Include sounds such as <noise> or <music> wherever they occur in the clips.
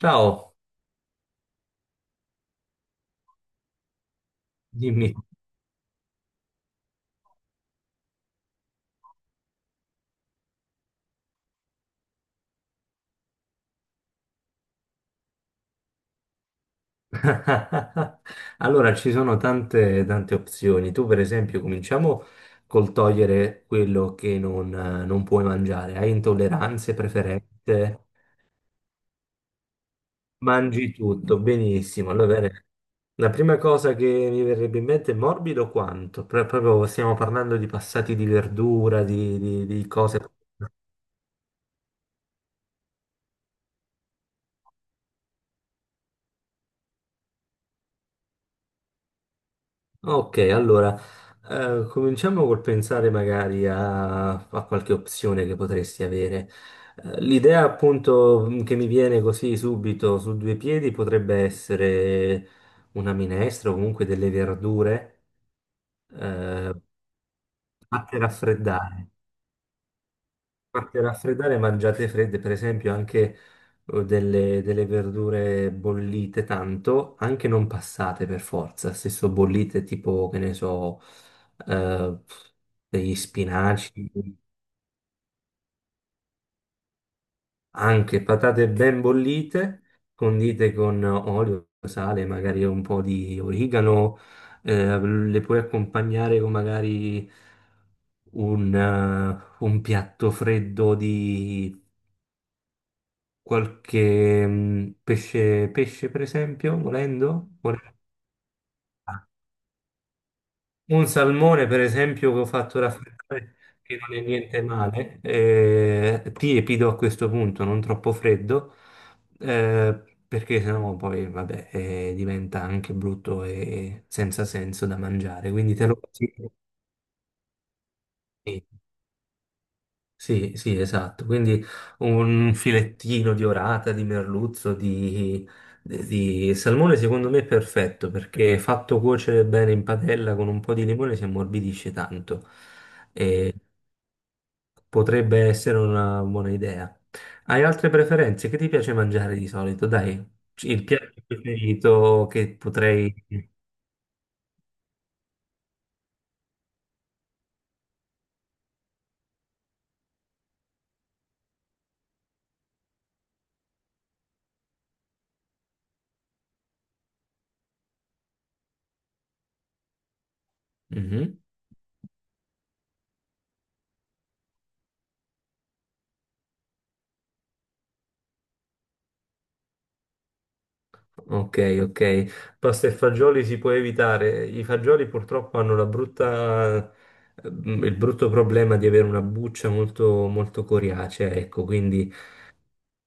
Ciao, dimmi. <laughs> Allora, ci sono tante, tante opzioni. Tu, per esempio, cominciamo col togliere quello che non puoi mangiare. Hai intolleranze, preferenze, mangi tutto, benissimo. Allora, bene. La prima cosa che mi verrebbe in mente è morbido quanto? Proprio stiamo parlando di passati di verdura, di cose. Ok, allora cominciamo col pensare magari a qualche opzione che potresti avere. L'idea appunto che mi viene così subito su due piedi potrebbe essere una minestra o comunque delle verdure eh, fatte raffreddare. Ma per raffreddare mangiate fredde, per esempio, anche delle verdure bollite tanto, anche non passate per forza, stesso bollite tipo, che ne so, eh, degli spinaci, anche patate ben bollite, condite con olio, sale, magari un po' di origano, le puoi accompagnare con magari un piatto freddo di qualche pesce per esempio, volendo. Un salmone per esempio che ho fatto raffreddare, che non è niente male, tiepido a questo punto, non troppo freddo, perché sennò poi vabbè, diventa anche brutto e senza senso da mangiare, quindi te lo consiglio. Sì, sì, esatto. Quindi un filettino di orata, di merluzzo, di salmone, secondo me è perfetto perché fatto cuocere bene in padella con un po' di limone si ammorbidisce tanto e potrebbe essere una buona idea. Hai altre preferenze? Che ti piace mangiare di solito? Dai, il piatto preferito che potrei... Mhm. Ok, ok. Pasta e fagioli si può evitare. I fagioli purtroppo hanno il brutto problema di avere una buccia molto, molto coriacea, ecco, quindi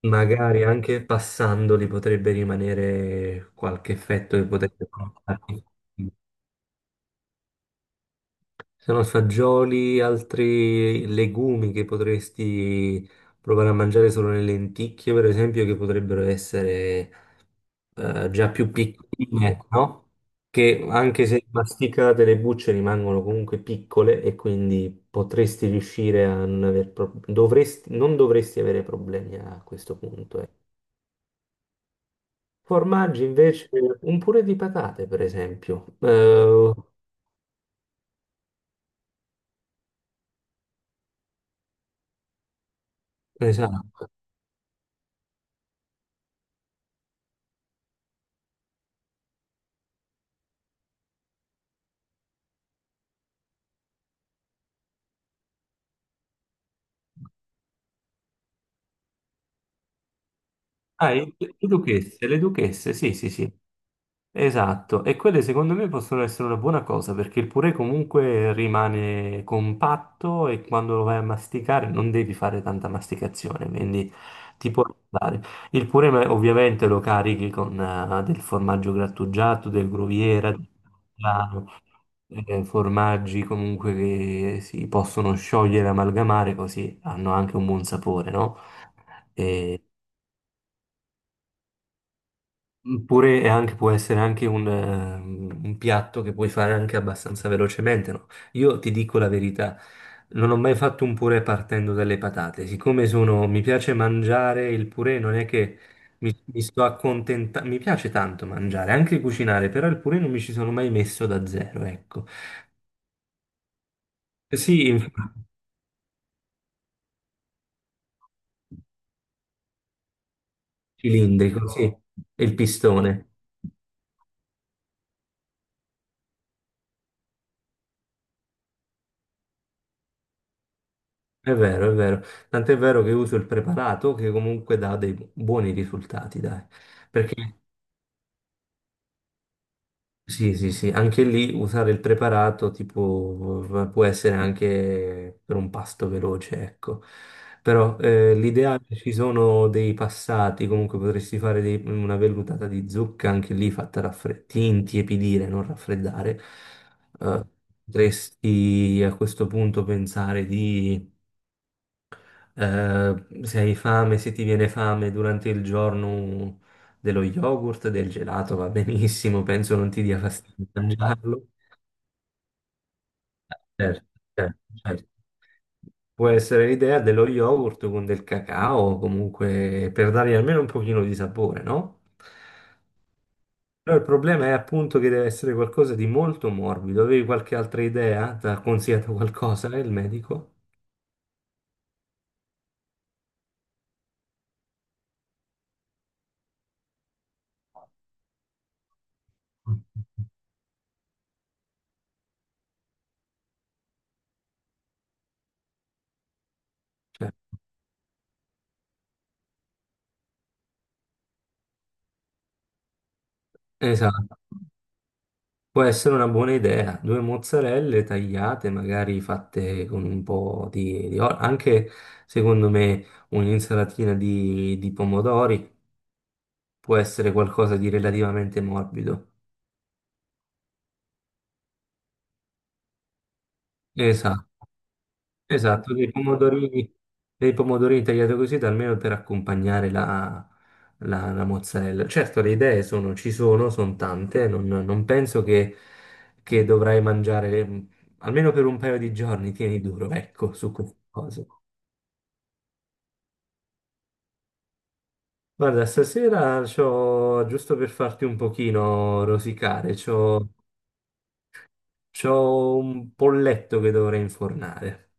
magari anche passandoli potrebbe rimanere qualche effetto che potrebbe portarti. Sono fagioli, altri legumi che potresti provare a mangiare solo le lenticchie, per esempio, che potrebbero essere già più piccoline, no? Che anche se masticate le bucce rimangono comunque piccole e quindi potresti riuscire a non aver non dovresti avere problemi a questo punto. Formaggi invece, un purè di patate, per esempio. Esatto. Ah, le duchesse, le duchesse, sì, sì, sì. Esatto, e quelle secondo me possono essere una buona cosa perché il purè comunque rimane compatto e quando lo vai a masticare non devi fare tanta masticazione, quindi ti può aiutare. Il purè ovviamente lo carichi con del formaggio grattugiato, del groviera, del parmigiano, formaggi comunque che si possono sciogliere, amalgamare, così hanno anche un buon sapore, no? Pure è anche, può essere anche un piatto che puoi fare anche abbastanza velocemente, no? Io ti dico la verità, non ho mai fatto un purè partendo dalle patate. Siccome mi piace mangiare il purè, non è che mi sto accontentando, mi piace tanto mangiare, anche cucinare, però il purè non mi ci sono mai messo da zero, ecco. Sì, infatti, cilindrico, sì, e il pistone. È vero, è vero. Tant'è vero che uso il preparato che comunque dà dei buoni risultati, dai. Perché Sì, sì, sì, anche lì usare il preparato tipo può essere anche per un pasto veloce, ecco. Però l'ideale ci sono dei passati, comunque potresti fare una vellutata di zucca anche lì fatta raffreddare, intiepidire, non raffreddare. Eh, potresti a questo punto pensare di eh, se hai fame, se ti viene fame durante il giorno dello yogurt, del gelato va benissimo, penso non ti dia fastidio mangiarlo. Certo, certo, certo. Può essere l'idea dello yogurt con del cacao, comunque per dargli almeno un pochino di sapore, no? Però il problema è appunto che deve essere qualcosa di molto morbido. Avevi qualche altra idea? Ti ha consigliato qualcosa il medico? <laughs> Cioè, esatto. Può essere una buona idea, due mozzarelle tagliate, magari fatte con un po' di olio, anche secondo me un'insalatina di pomodori può essere qualcosa di relativamente morbido. Esatto, esatto, dei pomodorini tagliati così, almeno per accompagnare la mozzarella. Certo, le idee ci sono, sono tante, non penso che dovrai mangiare, almeno per un paio di giorni, tieni duro, ecco, su queste cose. Guarda, stasera c'ho, giusto per farti un pochino rosicare, c'ho un polletto che dovrei infornare.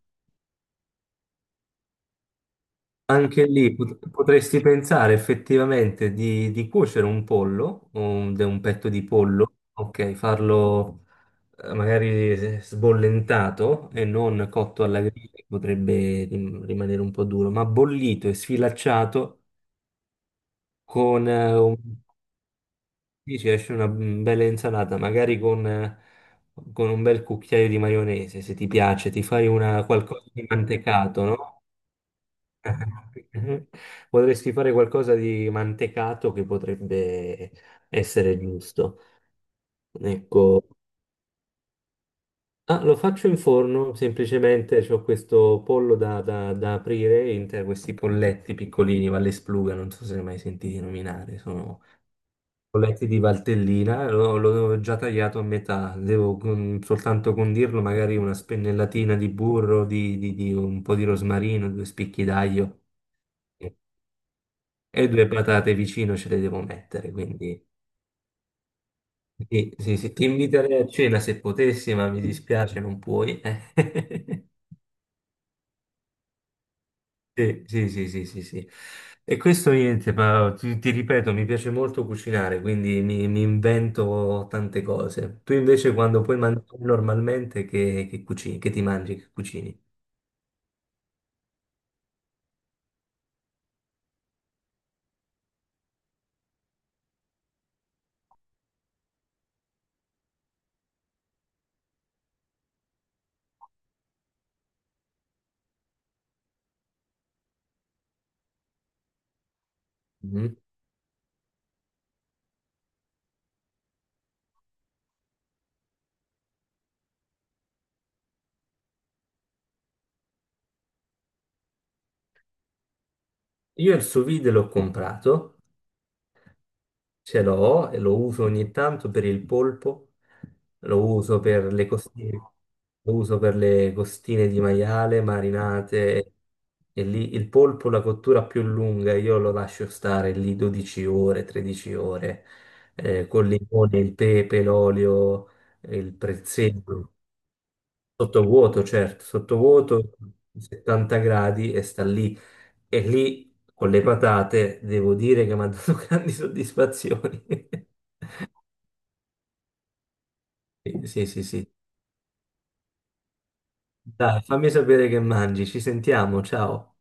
Anche lì potresti pensare effettivamente di cuocere un pollo, un petto di pollo, ok, farlo magari sbollentato e non cotto alla griglia, che potrebbe rimanere un po' duro, ma bollito e sfilacciato con Sì, ci esce una bella insalata, magari con un bel cucchiaio di maionese, se ti piace, ti fai qualcosa di mantecato, no? <laughs> Potresti fare qualcosa di mantecato che potrebbe essere giusto. Ecco. Ah, lo faccio in forno, semplicemente ho questo pollo da aprire, questi polletti piccolini, Valles Pluga, non so se ne hai mai sentiti nominare. Ho letti di Valtellina, l'ho già tagliato a metà, devo soltanto condirlo magari una spennellatina di burro, di un po' di rosmarino, due spicchi d'aglio e due patate vicino ce le devo mettere, quindi sì, sì, sì, ti inviterei a cena se potessi, ma mi dispiace non puoi. Sì, sì, sì, sì, sì, sì. E questo niente, ma ti ripeto, mi piace molto cucinare, quindi mi invento tante cose. Tu invece quando puoi mangiare normalmente che cucini, che ti mangi, che cucini? Mhm. Io il sous vide l'ho comprato. Ce l'ho e lo uso ogni tanto per il polpo, lo uso per le costine, lo uso per le costine di maiale marinate e lì il polpo, la cottura più lunga, io lo lascio stare lì 12 ore, 13 ore, col limone, il pepe, l'olio, il prezzemolo, sottovuoto, certo, sottovuoto, 70 gradi e sta lì. E lì con le patate devo dire che mi ha dato <laughs> grandi soddisfazioni. Sì, sì, sì. Sì. Dai, fammi sapere che mangi. Ci sentiamo, ciao.